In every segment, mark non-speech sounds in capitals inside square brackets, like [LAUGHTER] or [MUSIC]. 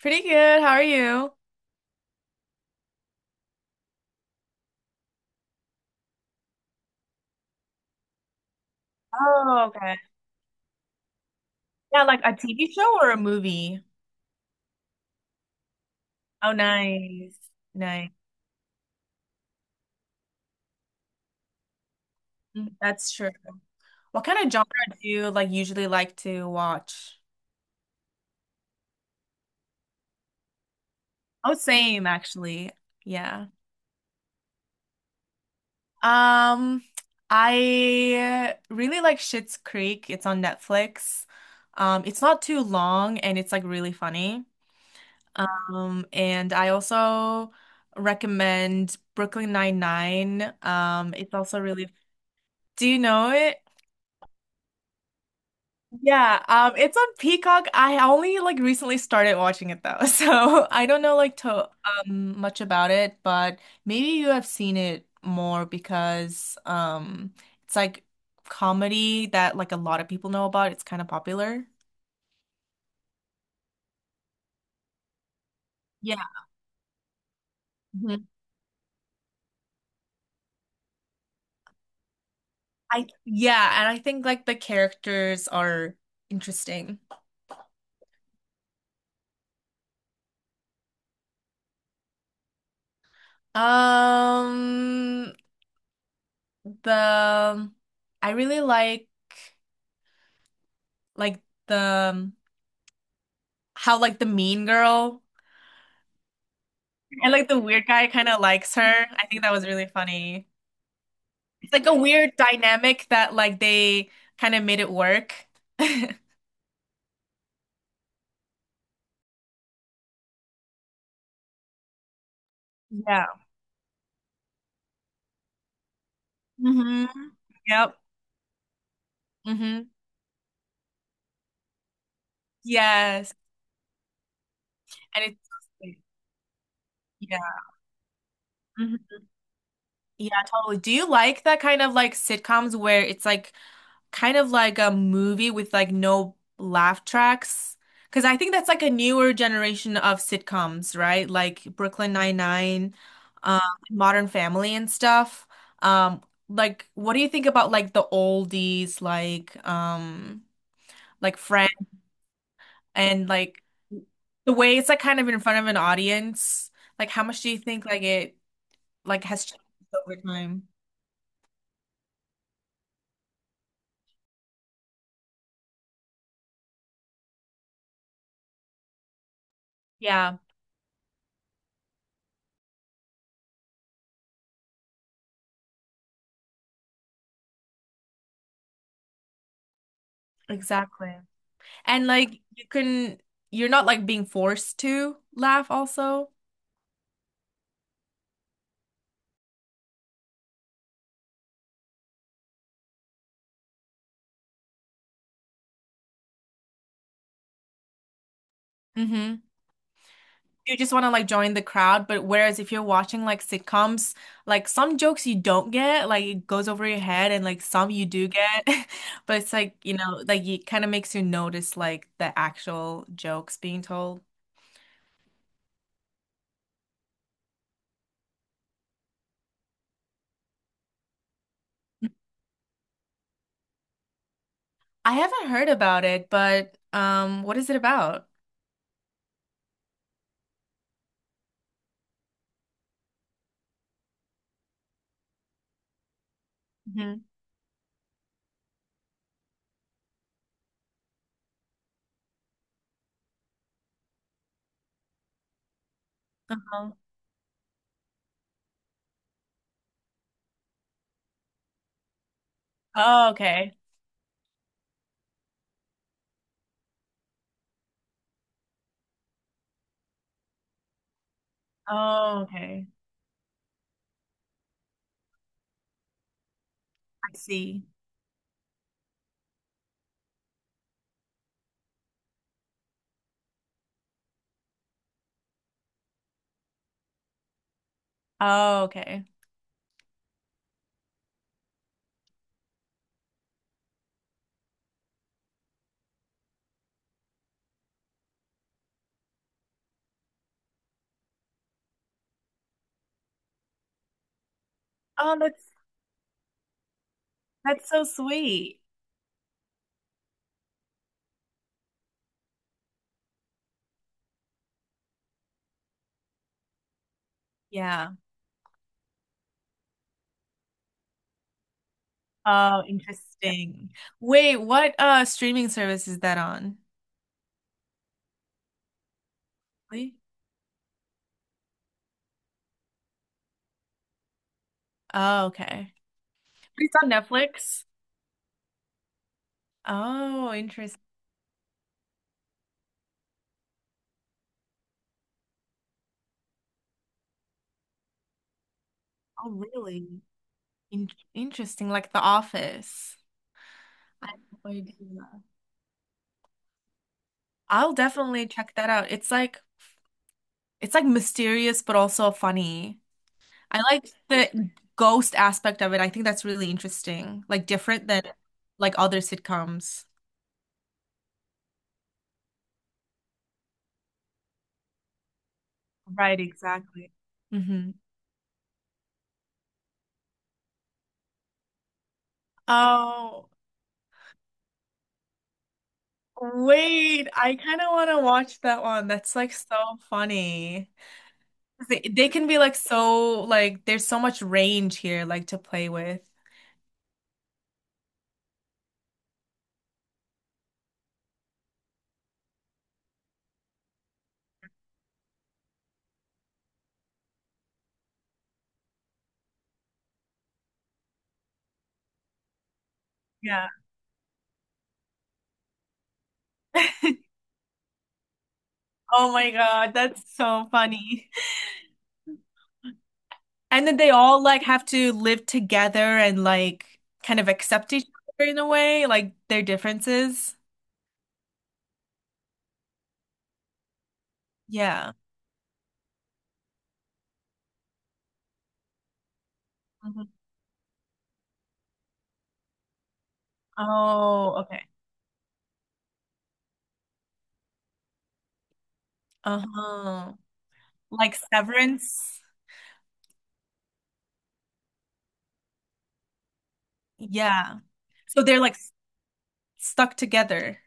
Pretty good. How are you? Oh, okay. Yeah, like a TV show or a movie? Oh, nice. Nice. Mm, that's true. What kind of genre do you like usually like to watch? Oh, same actually. Yeah. Um, I really like Schitt's Creek. It's on Netflix. It's not too long and it's like really funny. And I also recommend Brooklyn Nine-Nine. It's also really. Do you know it? Yeah, it's on Peacock. I only like recently started watching it though, [LAUGHS] so I don't know like to much about it, but maybe you have seen it more because it's like comedy that like a lot of people know about. It's kind of popular. Yeah. Mhm. I yeah, and I think like the characters are interesting. Um, the I really like like the how like the mean girl and like the weird guy kind of likes her. I think that was really funny. It's like a weird dynamic that like they kind of made it work. [LAUGHS] Yeah. Hmm. Yep. Hmm. Yes. And it's so sweet. Yeah. Hmm. Yeah, totally. Do you like that kind of like sitcoms where it's like kind of like a movie with like no laugh tracks? Because I think that's like a newer generation of sitcoms, right? Like Brooklyn Nine-Nine, um, Modern Family and stuff. Um, like what do you think about like the oldies, like Friends and like the way it's like kind of in front of an audience? Like how much do you think like it like has changed over time? Yeah, exactly. And like you're not like being forced to laugh also. Hmm. You just want to like join the crowd, but whereas if you're watching like sitcoms, like some jokes you don't get, like it goes over your head and like some you do get. [LAUGHS] But it's like, like it kind of makes you notice like the actual jokes being told. I haven't heard about it, but what is it about? Hmm. Uh-huh. Oh, okay. Oh, okay. I see. Oh, okay. Oh, that's so sweet. Yeah. Oh, interesting. Wait, what streaming service is that on? Really? Oh, okay. It's on Netflix. Oh, interesting. Oh, really? In interesting, like The Office. I had no idea. I'll definitely check that out. It's like mysterious but also funny. I like the ghost aspect of it. I think that's really interesting. Like different than like other sitcoms. Right, exactly. Hmm. Oh, wait. I kind of want to watch that one. That's like so funny. They can be like so, like, there's so much range here, like, to play with. Yeah. [LAUGHS] Oh my God. That's so funny. And then they all like have to live together and like kind of accept each other in a way, like their differences. Yeah. Mhm. Oh, okay. Uh-huh. Like severance. Yeah. So they're like stuck together.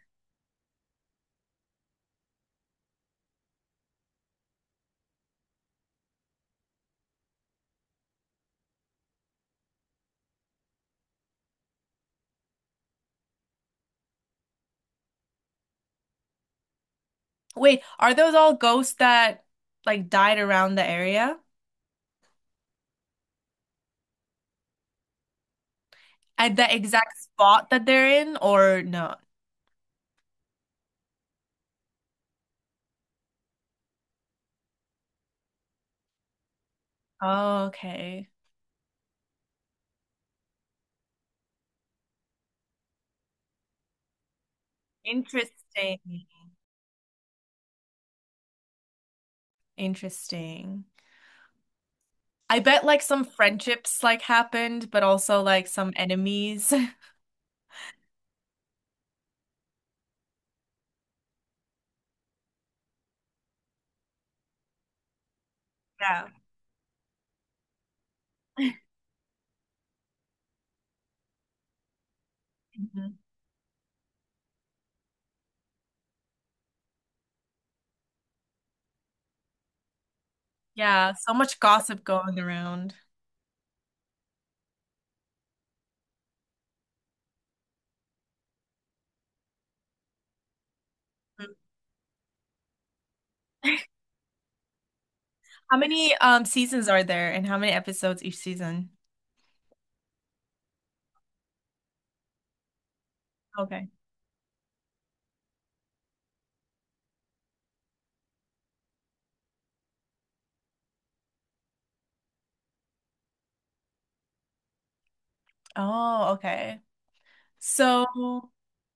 Wait, are those all ghosts that like died around the area at the exact spot that they're in, or no? Oh, okay. Interesting. Interesting. I bet like some friendships like happened, but also like some enemies. [LAUGHS] Yeah. Mhm. Yeah, so much gossip going around. Mm. [LAUGHS] How many seasons are there and how many episodes each season? Okay. Oh, okay. So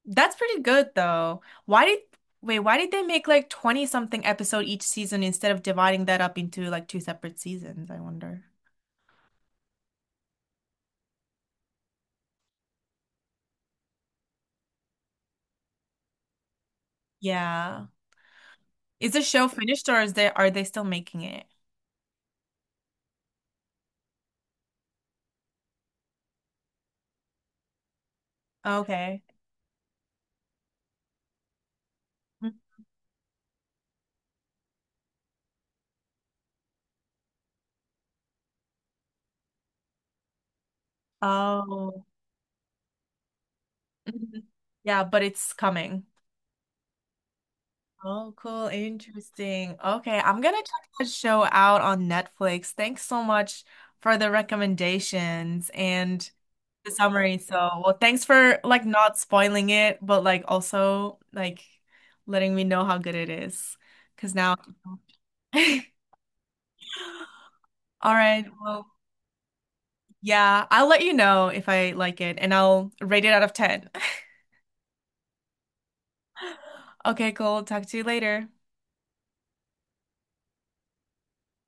that's pretty good though. Why did wait, why did they make like 20 something episode each season instead of dividing that up into like two separate seasons, I wonder. Yeah. Is the show finished or is they are they still making it? Okay. Mm. Oh. Mhm. Yeah, but it's coming. Oh, cool. Interesting. Okay, I'm gonna check that show out on Netflix. Thanks so much for the recommendations and the summary. So, well, thanks for like not spoiling it, but like also like letting me know how good it is. Because now, [LAUGHS] all right, well, yeah, I'll let you know if I like it and I'll rate it out of 10. [LAUGHS] Okay, cool. Talk to you later.